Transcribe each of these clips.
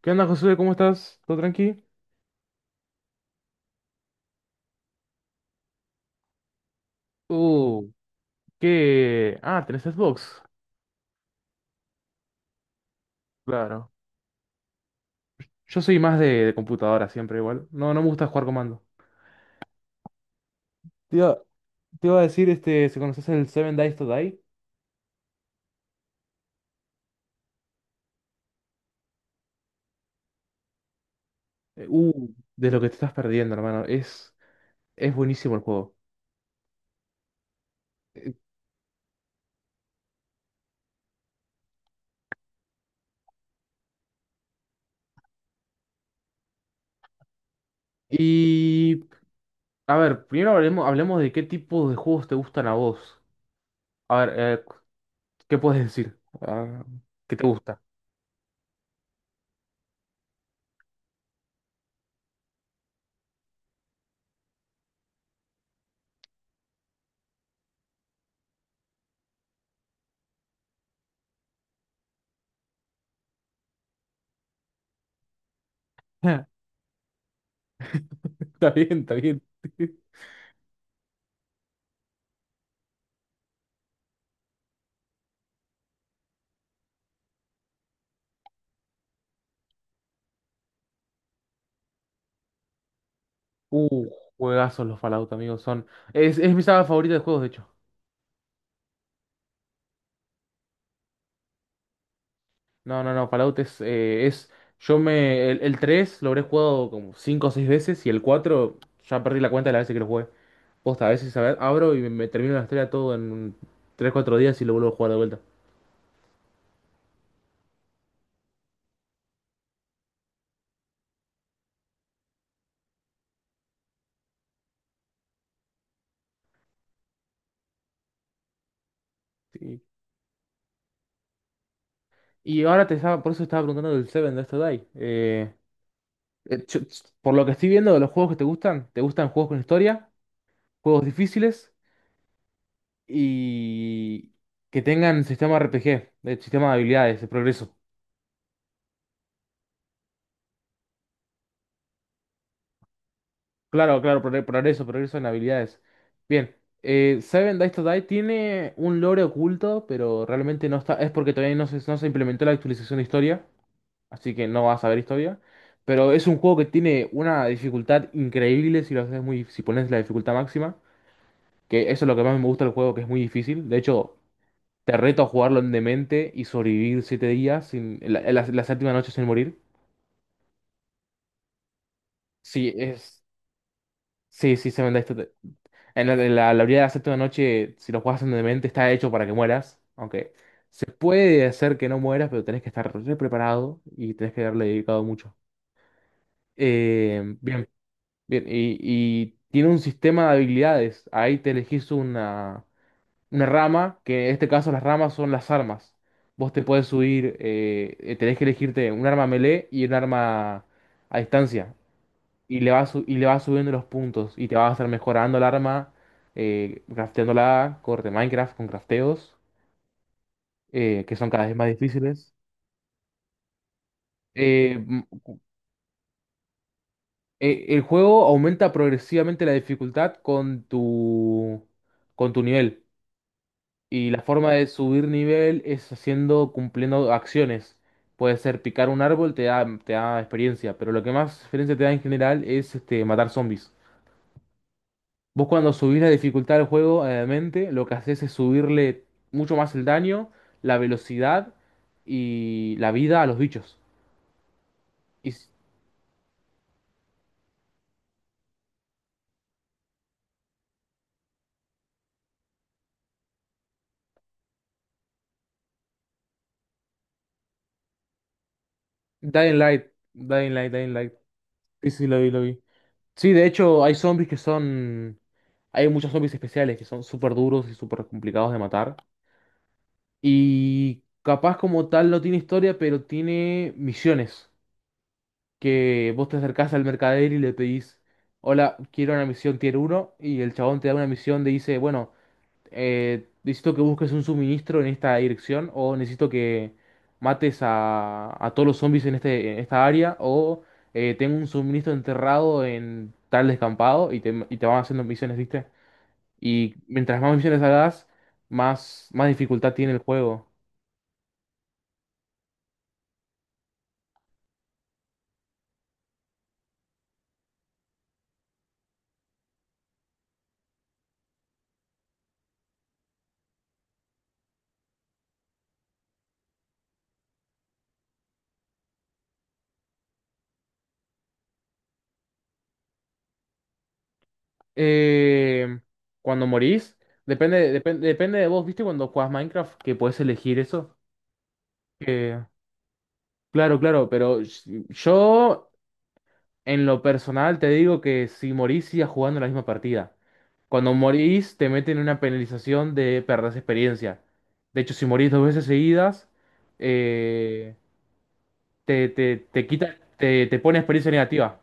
¿Qué onda, Josué? ¿Cómo estás? ¿Todo tranqui? Uh, ¿Qué? Ah, ¿tenés Xbox? Claro. Yo soy más de computadora siempre igual. No, no me gusta jugar comando. Te iba, te iba a decir, este, si conoces el Seven Days to Die. Eh, uh, de lo que te estás perdiendo, hermano. Es buenísimo el juego. Eh, Y, a ver, primero hablemos, hablemos de qué tipo de juegos te gustan a vos. A ver, ¿qué puedes decir? Ah, ¿qué te gusta? Está bien, está bien. Uh, Juegazos los Fallout, amigos. Son. Es mi saga favorita de juegos, de hecho. No, no, no. Fallout es. Es yo me. El 3 lo habré jugado como 5 o 6 veces. Y el 4 ya perdí la cuenta de las veces que lo jugué. Posta, a veces a ver, abro y me termino la historia todo en tres cuatro días y lo vuelvo a jugar de vuelta. Sí. Y ahora te estaba. Por eso estaba preguntando del Seven de esto Die. Eh, yo- por lo que estoy viendo de los juegos que ¿te gustan juegos con historia? ¿Juegos difíciles? Y que tengan sistema RPG, sistema de habilidades, de progreso. Claro, claro, progreso, progreso en habilidades. Bien, Seven Days to Die tiene un lore oculto, pero realmente no está, es porque todavía no se implementó la actualización de historia, así que no vas a ver historia. Pero es un juego que tiene una dificultad increíble si lo haces muy, si pones la dificultad máxima, que eso es lo que más me gusta del juego, que es muy difícil. De hecho, te reto a jugarlo en demente y sobrevivir siete días sin, la séptima noche sin morir. Sí, es. Sí, sí, se vende esto Die. En la habilidad de la Séptima Noche, si lo juegas en demente, está hecho para que mueras. Aunque se puede hacer que no mueras, pero tenés que estar re preparado y tenés que haberle dedicado mucho. Bien, bien. Y tiene un sistema de habilidades. Ahí te elegís una rama, que en este caso las ramas son las armas. Vos te puedes subir, tenés que elegirte un arma melee y un arma a distancia. Y le vas, y le vas subiendo los puntos y te vas a estar mejorando el arma, crafteándola, corte Minecraft con crafteos, que son cada vez más difíciles. Eh, m- el juego aumenta progresivamente la dificultad con tu nivel. Y la forma de subir nivel es haciendo, cumpliendo acciones. Puede ser picar un árbol, te da experiencia, pero lo que más experiencia te da en general es este, matar zombies. Vos cuando subís la dificultad del juego, obviamente, lo que haces es subirle mucho más el daño, la velocidad y la vida a los bichos. Y s- Dying Light, Dying Light, Dying Light. Sí, sí, lo vi, lo vi. Sí, de hecho, hay zombies que son... Hay muchos zombies especiales que son súper duros y súper complicados de matar. Y capaz como tal no tiene historia, pero tiene misiones. Que vos te acercás al mercader y le pedís, hola, quiero una misión tier uno. Y el chabón te da una misión de dice, bueno... necesito que busques un suministro en esta dirección o necesito que mates a todos los zombies en este, en esta área o tengo un suministro enterrado en tal descampado y te van haciendo misiones, ¿viste? Y mientras más misiones hagas, más, más dificultad tiene el juego. Eh, Cuando morís, depende, depende, depende de vos, ¿viste? Cuando jugás Minecraft, que podés elegir eso. Que- claro, claro, pero yo en lo personal te digo que si morís sigas jugando la misma partida. Cuando morís te meten una penalización de perder experiencia. De hecho, si morís dos veces seguidas, eh, te, te, te quita, te pone experiencia negativa.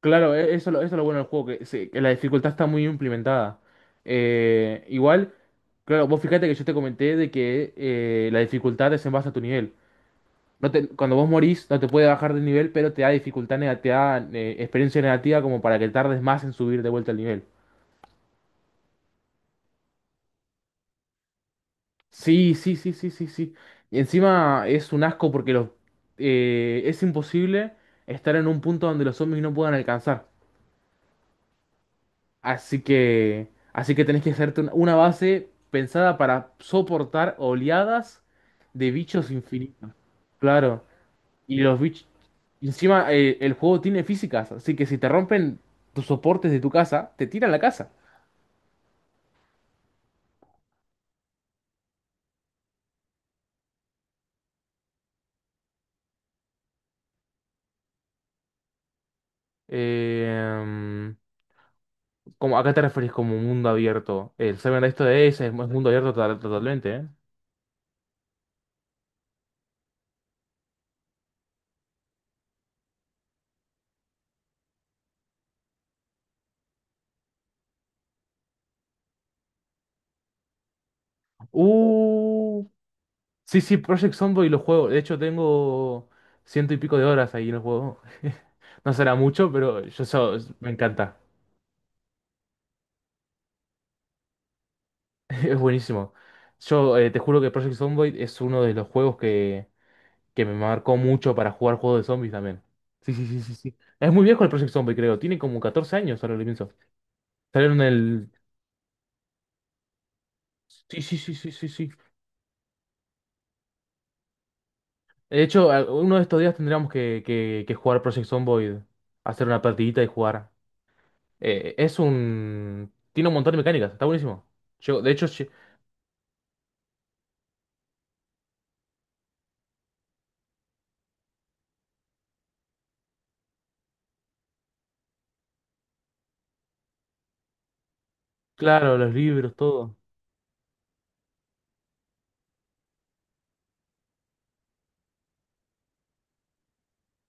Claro, eso, eso es lo bueno del juego, que la dificultad está muy implementada. Igual, claro, vos fíjate que yo te comenté de que la dificultad es en base a tu nivel. No te- Cuando vos morís, no te puede bajar de nivel, pero te da dificultad negativa, te da experiencia negativa como para que tardes más en subir de vuelta al nivel. Sí, sí, sí, sí, sí, sí. Y encima es un asco porque los, es imposible estar en un punto donde los zombies no puedan alcanzar. Así que tenés que hacerte una base pensada para soportar oleadas de bichos infinitos. Claro. Y los bichos. Encima, el juego tiene físicas, así que si te rompen tus soportes de tu casa, te tiran la casa. Eh, Como, ¿a qué te referís como mundo abierto? El Seven Days to Days es mundo abierto totalmente, ¿eh? Uh, sí, sí, Project Zomboid lo juego. De hecho, tengo ciento y pico de horas ahí en el juego. No será mucho, pero yo me encanta. Es buenísimo. Yo te juro que Project Zomboid es uno de los juegos que me marcó mucho para jugar juegos de zombies también. Sí, sí, sí, sí, sí. Es muy viejo el Project Zombie, creo. Tiene como 14 años, ahora lo pienso. Salieron el... Sí, sí, sí, sí, sí, sí. De hecho, uno de estos días tendríamos que jugar Project Zomboid, hacer una partidita y jugar. Es un... Tiene un montón de mecánicas, está buenísimo. Yo- de hecho, lle- claro, los libros, todo.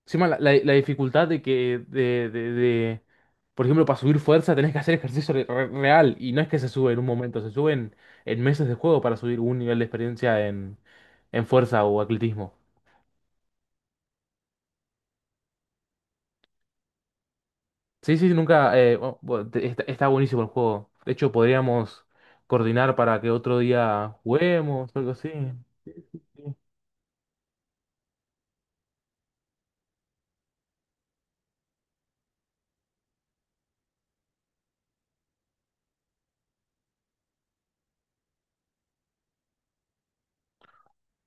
Encima la dificultad de por ejemplo, para subir fuerza tenés que hacer ejercicio real y no es que se sube en un momento, se sube en meses de juego para subir un nivel de experiencia en fuerza o atletismo. Sí, sí, nunca... bu- bu- te- está, está buenísimo el juego. De hecho, podríamos coordinar para que otro día juguemos o algo así.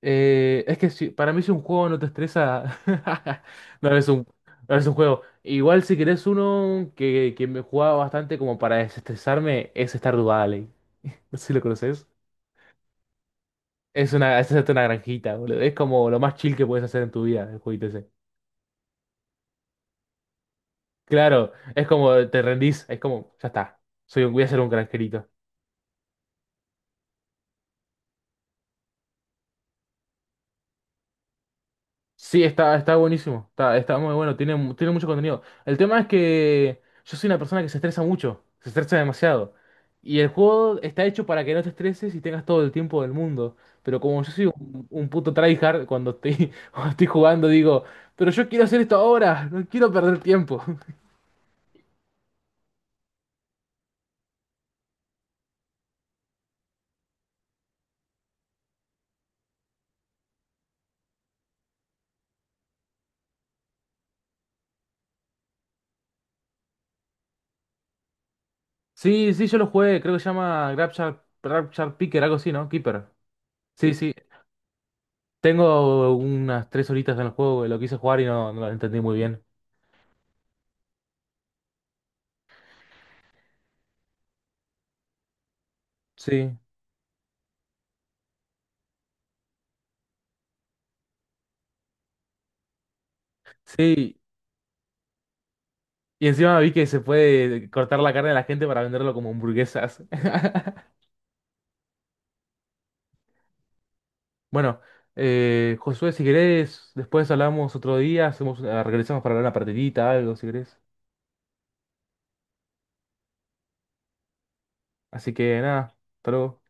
Es que para mí si un juego no te estresa, no es un, no es un juego. Igual si querés uno que me jugaba bastante como para desestresarme es Stardew Valley. No sé si lo conoces. Es una, es hacerte una granjita, boludo. Es como lo más chill que puedes hacer en tu vida, el jueguito ese. Claro, es como te rendís, es como, ya está. Soy un, voy a ser un granjerito. Sí, está, está buenísimo. Está, está muy bueno. Tiene, tiene mucho contenido. El tema es que yo soy una persona que se estresa mucho. Se estresa demasiado. Y el juego está hecho para que no te estreses y tengas todo el tiempo del mundo. Pero como yo soy un puto tryhard, cuando estoy, cuando estoy jugando digo, pero yo quiero hacer esto ahora. No quiero perder tiempo. Sí, sí, yo lo jugué. Creo que se llama Grabshar, Grabshar Picker, algo así, ¿no? Keeper. Sí, sí. Tengo unas tres horitas en el juego. Lo quise jugar y no, no lo entendí muy bien. Sí. Sí, y encima vi que se puede cortar la carne de la gente para venderlo como hamburguesas. Bueno, Josué, si querés, después hablamos otro día, hacemos, regresamos para hablar una partidita, algo, si querés. Así que nada, hasta luego.